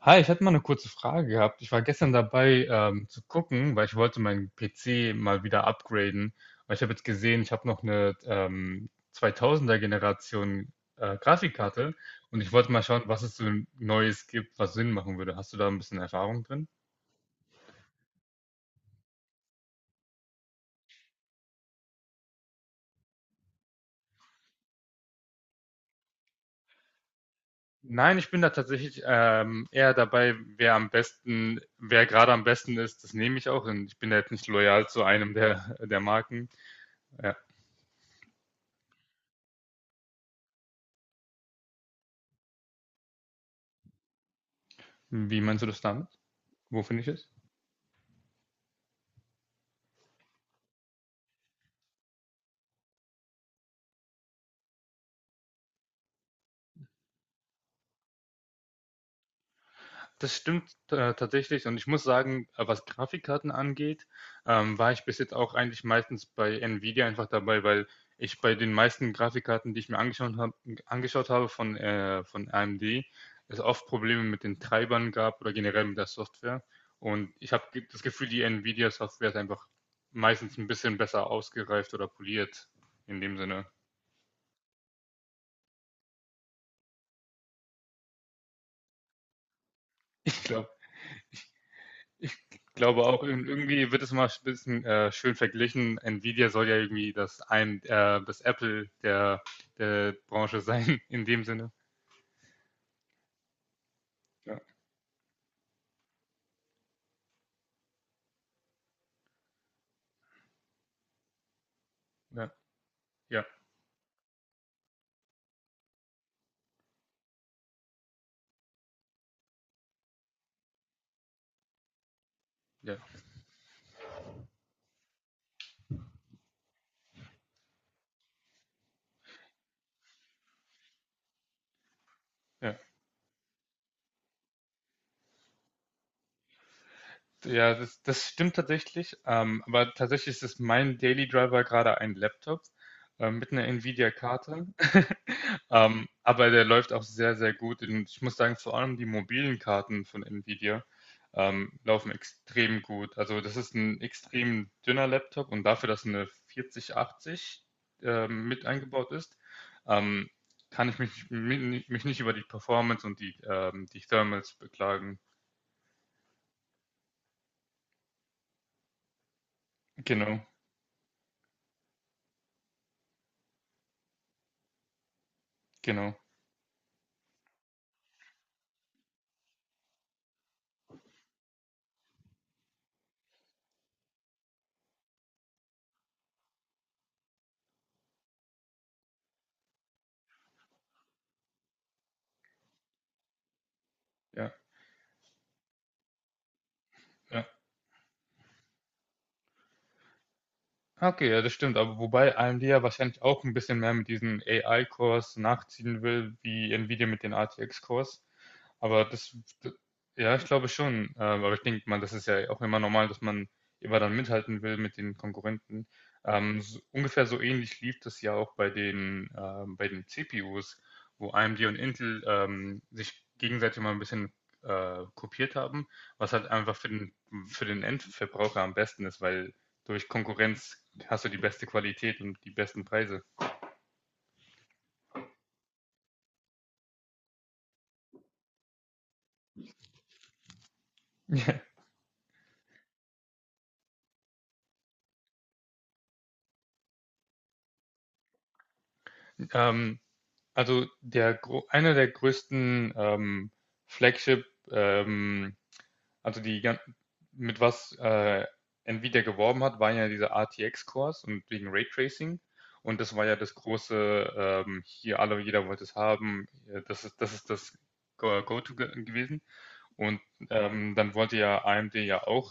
Hi, ich hätte mal eine kurze Frage gehabt. Ich war gestern dabei, zu gucken, weil ich wollte meinen PC mal wieder upgraden. Weil ich habe jetzt gesehen, ich habe noch eine 2000er Generation Grafikkarte und ich wollte mal schauen, was es so Neues gibt, was Sinn machen würde. Hast du da ein bisschen Erfahrung drin? Nein, ich bin da tatsächlich eher dabei, wer am besten, wer gerade am besten ist, das nehme ich auch. Und ich bin da jetzt nicht loyal zu einem der Marken. Ja. Wie meinst du das damit? Wo finde ich es? Das stimmt, tatsächlich und ich muss sagen, was Grafikkarten angeht, war ich bis jetzt auch eigentlich meistens bei Nvidia einfach dabei, weil ich bei den meisten Grafikkarten, die ich mir angeschaut hab, von AMD, es oft Probleme mit den Treibern gab oder generell mit der Software. Und ich habe das Gefühl, die Nvidia-Software ist einfach meistens ein bisschen besser ausgereift oder poliert in dem Sinne. Ich glaube, Ich glaube auch, irgendwie wird es mal ein bisschen schön verglichen. Nvidia soll ja irgendwie das Apple der Branche sein, in dem Sinne. Ja, ja, ja, ja. Ja, das stimmt tatsächlich. Aber tatsächlich ist mein Daily Driver gerade ein Laptop mit einer Nvidia-Karte. Aber der läuft auch sehr, sehr gut. Und ich muss sagen, vor allem die mobilen Karten von Nvidia laufen extrem gut. Also das ist ein extrem dünner Laptop und dafür, dass eine 4080 mit eingebaut ist, ähm, kann ich mich nicht über die Performance und die Thermals beklagen. Genau, genau. Ja, ja. Okay, ja, das stimmt. Aber wobei AMD ja wahrscheinlich auch ein bisschen mehr mit diesen ai kurs nachziehen will, wie Nvidia mit den RTX-Cores. Aber das, d- ja, ich glaube schon. Aber ich denke mal, das ist ja auch immer normal, dass man immer dann mithalten will mit den Konkurrenten. Ungefähr so ähnlich lief das ja auch bei bei den CPUs, wo AMD und Intel sich gegenseitig mal ein bisschen kopiert haben, was halt einfach für den Endverbraucher am besten ist, weil durch Konkurrenz hast du die beste Qualität und die besten Preise. ähm, also der, Einer der größten Flagship, ähm, also die mit was Nvidia geworben hat, waren ja diese RTX-Cores und wegen Raytracing. Und das war ja das große, hier alle, jeder wollte es haben. Ja, das ist, das ist das Go- to gewesen. Und dann wollte ja AMD ja auch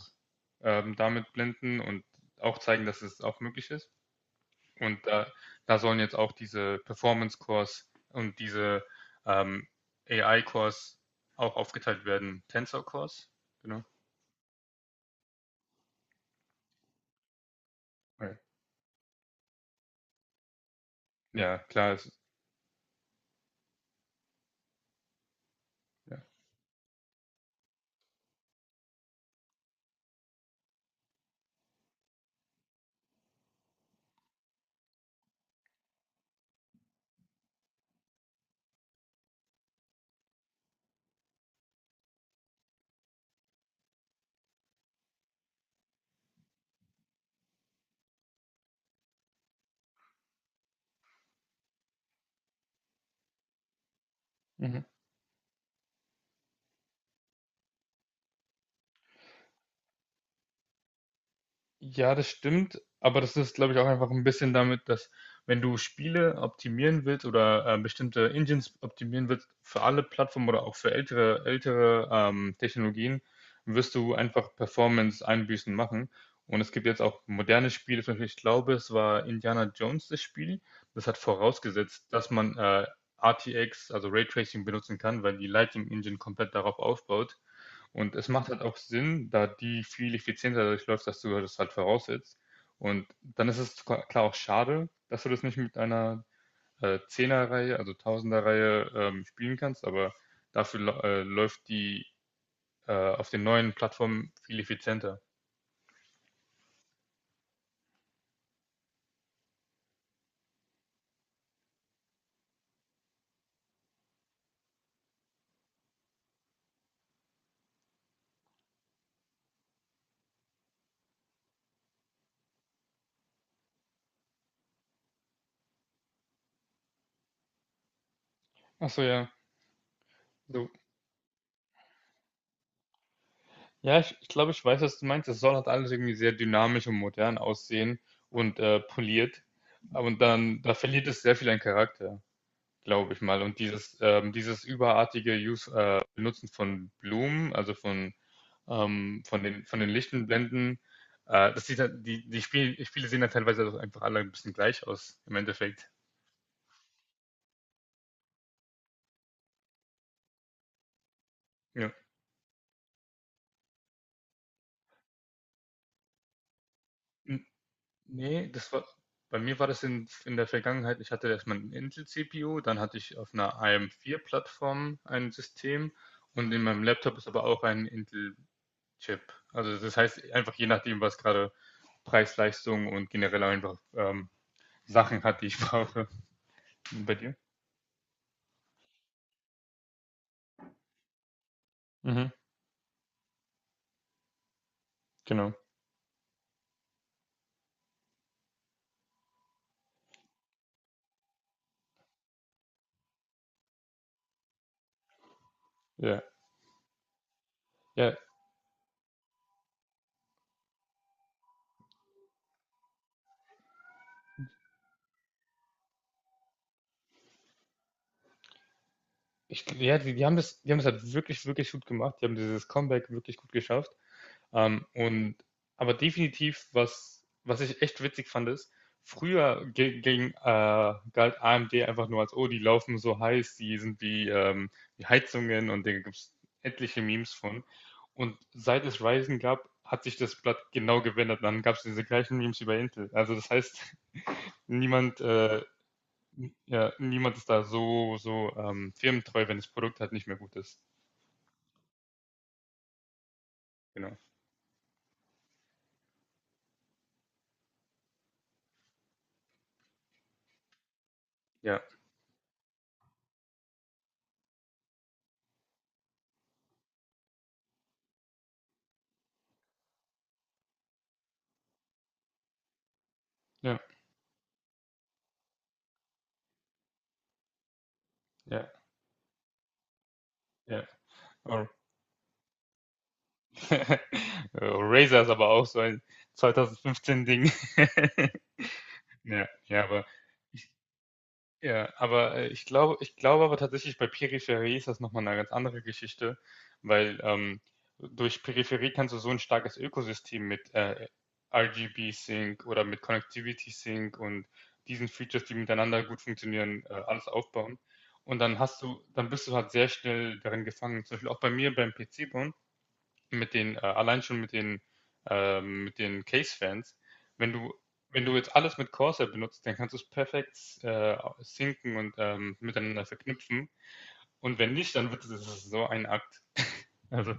damit blenden und auch zeigen, dass es auch möglich ist. Und da sollen jetzt auch diese Performance-Cores und diese ähm, AI-Cores auch aufgeteilt werden. Tensor-Cores, genau. Ja, klar. Ist. Ja. Mhm. Ja, das stimmt, aber das ist, glaube ich, auch einfach ein bisschen damit, dass wenn du Spiele optimieren willst oder bestimmte Engines optimieren willst für alle Plattformen oder auch für ältere Technologien, wirst du einfach Performance-Einbußen machen. Und es gibt jetzt auch moderne Spiele, zum Beispiel, ich glaube, es war Indiana Jones das Spiel. Das hat vorausgesetzt, dass man RTX, also Raytracing, benutzen kann, weil die Lighting Engine komplett darauf aufbaut. Und es macht halt auch Sinn, da die viel effizienter durchläuft, dass du das halt voraussetzt. Und dann ist es klar auch schade, dass du das nicht mit einer Zehner-Reihe, also Tausender-Reihe, spielen kannst, aber dafür läuft die auf den neuen Plattformen viel effizienter. Ach so, ja. So. Ja, ich glaube, ich weiß, was du meinst. Es soll halt alles irgendwie sehr dynamisch und modern aussehen und poliert. Aber da verliert es sehr viel an Charakter, glaube ich mal. Und dieses überartige Benutzen von Blumen, also von von den lichten Blenden, das sieht halt, die, die Spiele sehen dann teilweise auch einfach alle ein bisschen gleich aus, im Endeffekt. Ja. N- Nee, bei mir war das in der Vergangenheit, ich hatte erstmal einen Intel-CPU, dann hatte ich auf einer AM4-Plattform ein System und in meinem Laptop ist aber auch ein Intel Chip. Also das heißt einfach je nachdem, was gerade Preis, Leistung und generell einfach Sachen hat, die ich brauche. Und bei dir? Mhm, genau. Ja. Ja, ja, die haben das halt wirklich, wirklich gut gemacht. Die haben dieses Comeback wirklich gut geschafft. Ähm, und aber definitiv, was ich echt witzig fand, ist, ging, galt AMD einfach nur als, oh, die laufen so heiß, die sind wie Heizungen und da gibt es etliche Memes von. Und seit es Ryzen gab, hat sich das Blatt genau gewendet. Dann gab es diese gleichen Memes über Intel. Also das heißt, niemand, äh, ja, niemand ist da so firmentreu, wenn das Produkt halt nicht mehr gut ist. Genau. Ja, ja, ja, ja. Razer ist aber auch so ein 2015-Ding. Ja, ja, aber, ja, aber ich glaube aber tatsächlich bei Peripherie ist das nochmal eine ganz andere Geschichte, weil durch Peripherie kannst du so ein starkes Ökosystem mit RGB Sync oder mit Connectivity Sync und diesen Features, die miteinander gut funktionieren, alles aufbauen. Und dann bist du halt sehr schnell darin gefangen. Zum Beispiel auch bei mir beim PC-Bauen allein schon mit den Case-Fans, wenn du, wenn du jetzt alles mit Corsair benutzt, dann kannst du es perfekt sinken und miteinander verknüpfen. Und wenn nicht, dann wird es es ist so ein Akt. Also,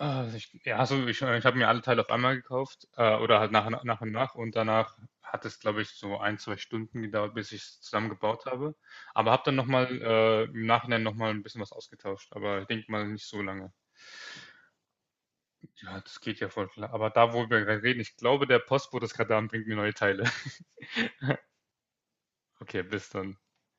äh, ich, ja, ich habe mir alle Teile auf einmal gekauft oder halt nach und nach und danach hat es, glaube ich, so ein, zwei Stunden gedauert, bis ich es zusammengebaut habe. Aber habe dann nochmal im Nachhinein nochmal ein bisschen was ausgetauscht. Aber ich denke mal nicht so lange. Ja, das geht ja voll klar. Aber da, wo wir gerade reden, ich glaube, der Postbote ist gerade da und bringt mir neue Teile. Okay, bis dann.